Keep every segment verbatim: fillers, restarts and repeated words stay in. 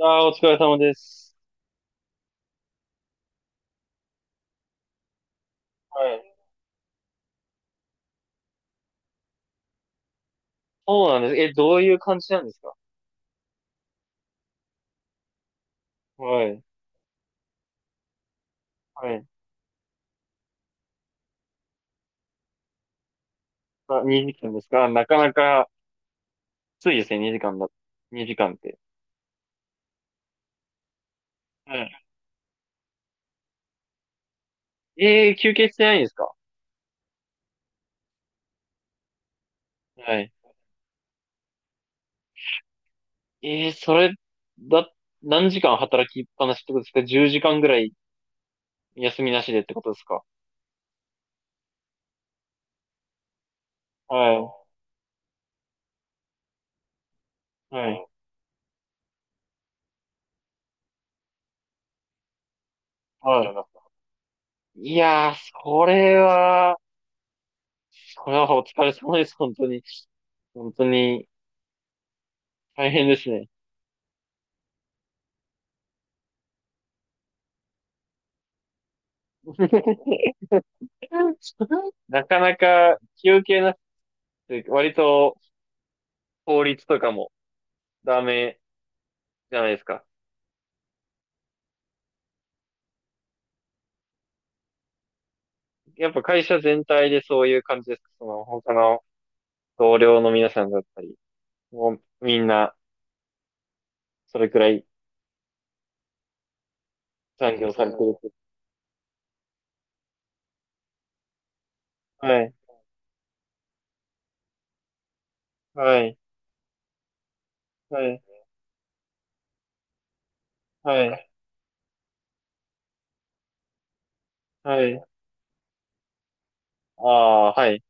ああ、お疲れ様です。はい。そうなんです。え、どういう感じなんですか？はい。はい。あ、にじかんですか？なかなか、きついですね、にじかんだ。にじかんって。はい。えー、休憩してないんですか？はい。えー、それ、だ、何時間働きっぱなしってことですか ?じゅう 時間ぐらい休みなしでってことですか？はい。はい。はい。いやー、それは、それはお疲れ様です、本当に。本当に、大変ですね。なかなか休憩なしって、割と法律とかもダメじゃないですか。やっぱ会社全体でそういう感じですか？その他の同僚の皆さんだったり、もうみんなそれくらい残業されてるって？はい、はい、はい、はい、はい。ああ、はい、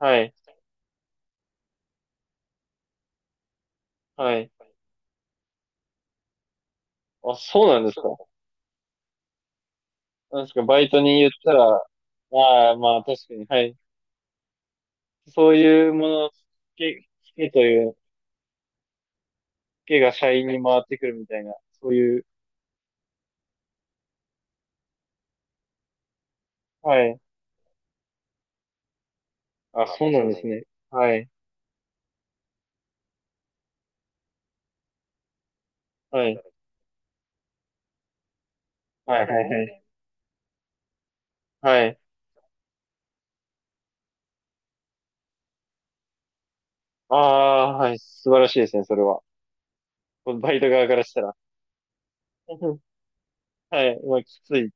はい、はい。あ、そうなんですか。なんですか、バイトに言ったら、ああ、まあ確かに、はい。そういうものをつけ、つけというけが社員に回ってくるみたいな、そういう、はい。あ、そうなんですね。はい。はい。はい、はい、はい。はい。ああ、はい。素晴らしいですね、それは。バイト側からしたら。はい。まあ、きつい。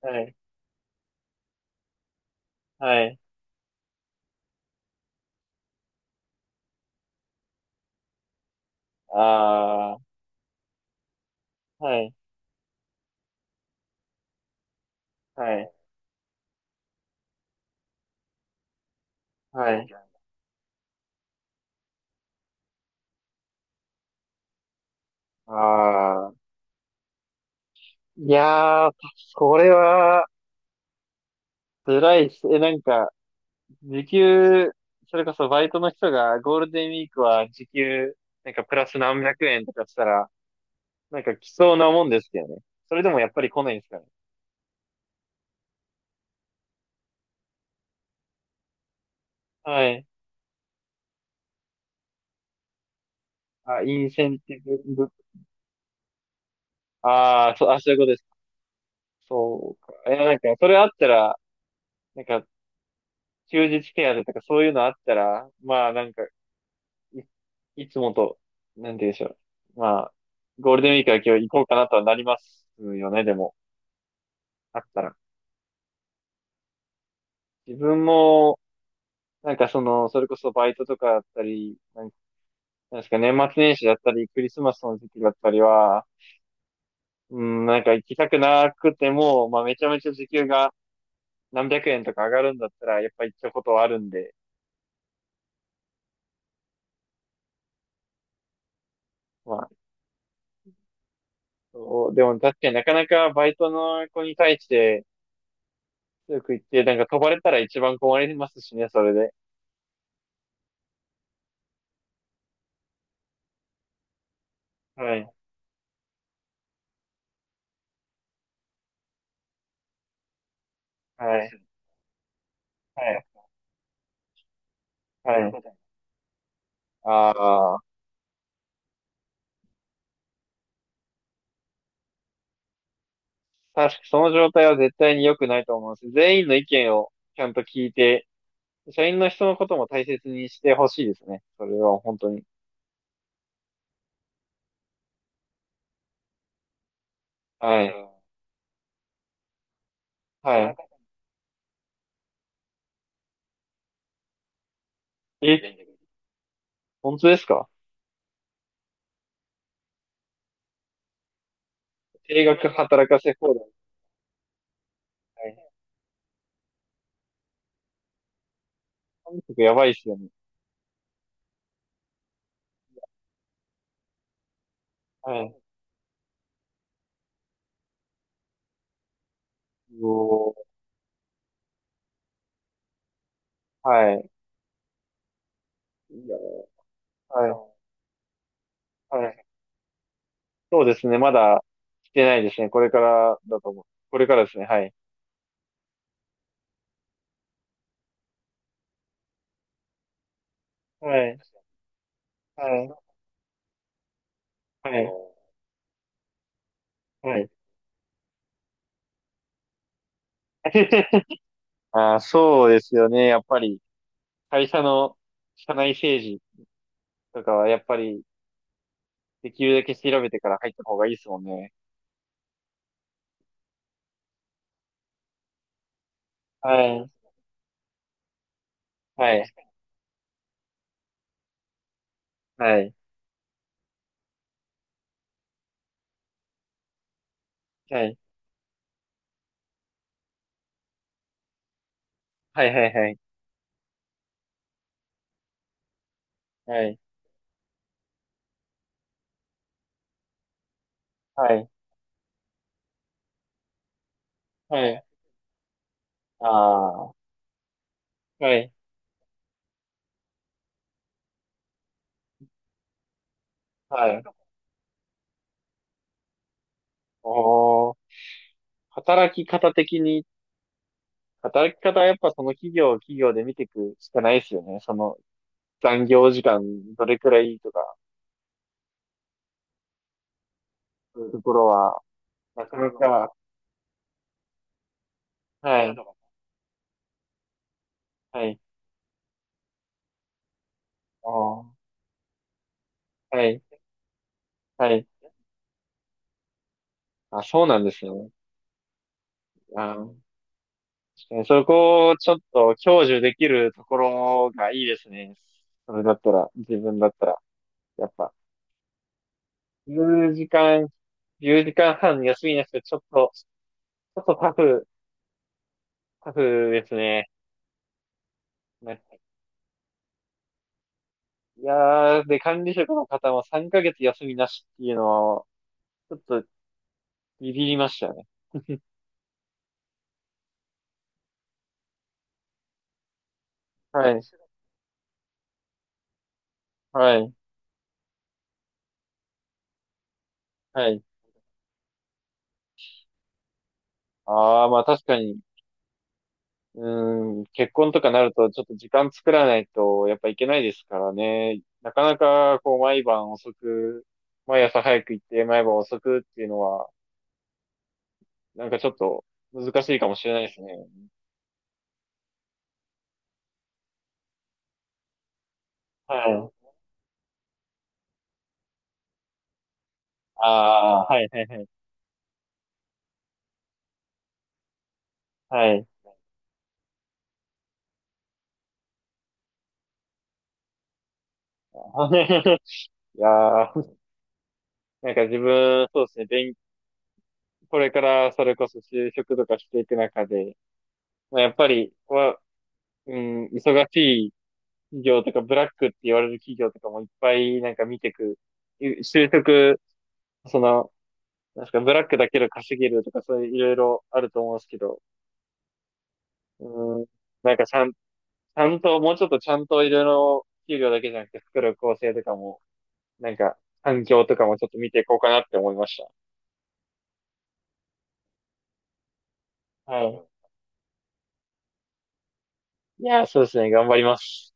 はい。はい。ああ、はい。はい。はい。ああ。いやー、これは、辛いっす。え、なんか、時給、それこそバイトの人がゴールデンウィークは時給、なんかプラス何百円とかしたら、なんか来そうなもんですけどね。それでもやっぱり来ないんですかね。はい。あ、インセンティブ、ああ、そう、あ、そういうことです。そうか。いや、なんか、それあったら、なんか、休日手当とかそういうのあったら、まあ、なんか、い、いつもと、なんて言うんでしょう。まあ、ゴールデンウィークは今日行こうかなとはなりますよね、でも、あったら。自分も、なんかその、それこそバイトとかだったり、なんなんですか、年末年始だったり、クリスマスの時期だったりは、うん、なんか行きたくなくても、まあめちゃめちゃ時給が何百円とか上がるんだったら、やっぱ行ったことはあるんで、まあ、そうでも確かになかなかバイトの子に対して、強く言って、なんか飛ばれたら一番困りますしね、それで。はい、はい、はい、はい。ああ、確かその状態は絶対に良くないと思うんです。全員の意見をちゃんと聞いて、社員の人のことも大切にしてほしいですね。それは本当に。はい。はい。え、本当ですか？定額働かせ放題。はい。韓国やばいっすよね。はい。うおーはい。いやー、はい。はい。そうですね。まだ来てないですね。これからだと思う。これからですね。はい。はい。はい。はい。はい。あー、そうですよね。やっぱり、会社の社内政治とかは、やっぱり、できるだけ調べてから入った方がいいですもんね。はい。はい。はい。はい。はい。はい。はい。はい。はい。はい。ああ。はい。はい。おー、働き方的に、働き方はやっぱその企業を企業で見ていくしかないですよね。その残業時間どれくらいとか、そういうところは、なかなか、はい、はい、おー、はい、はい。あ、そうなんですよね。あー、確かにそこをちょっと享受できるところがいいですね。それだったら、自分だったら、やっぱ、じゅうじかん、いちじかんはん休みなしでちょっと、ちょっとタフ、タフですね。いやー、で、管理職の方もさんかげつ休みなしっていうのは、ちょっとビビりましたね。はい、はい、はい。ああ、まあ確かに、うーん、結婚とかなるとちょっと時間作らないとやっぱいけないですからね。なかなかこう毎晩遅く、毎朝早く行って毎晩遅くっていうのは、なんかちょっと難しいかもしれないですね。はい。ああ、はい、はい、はい。はい。いやー、なんか自分、そうですね、勉これからそれこそ就職とかしていく中で、まあ、やっぱり、わうん、忙しい企業とか、ブラックって言われる企業とかもいっぱいなんか見てく。い就職、その、なんすか、ブラックだけで稼げるとか、そういういろいろあると思うんですけど、うん、なんかちゃん、ちゃんと、もうちょっとちゃんといろいろ給料だけじゃなくて、作る構成とかも、なんか、環境とかもちょっと見ていこうかなって思いました。はい。いやー、そうですね、頑張ります。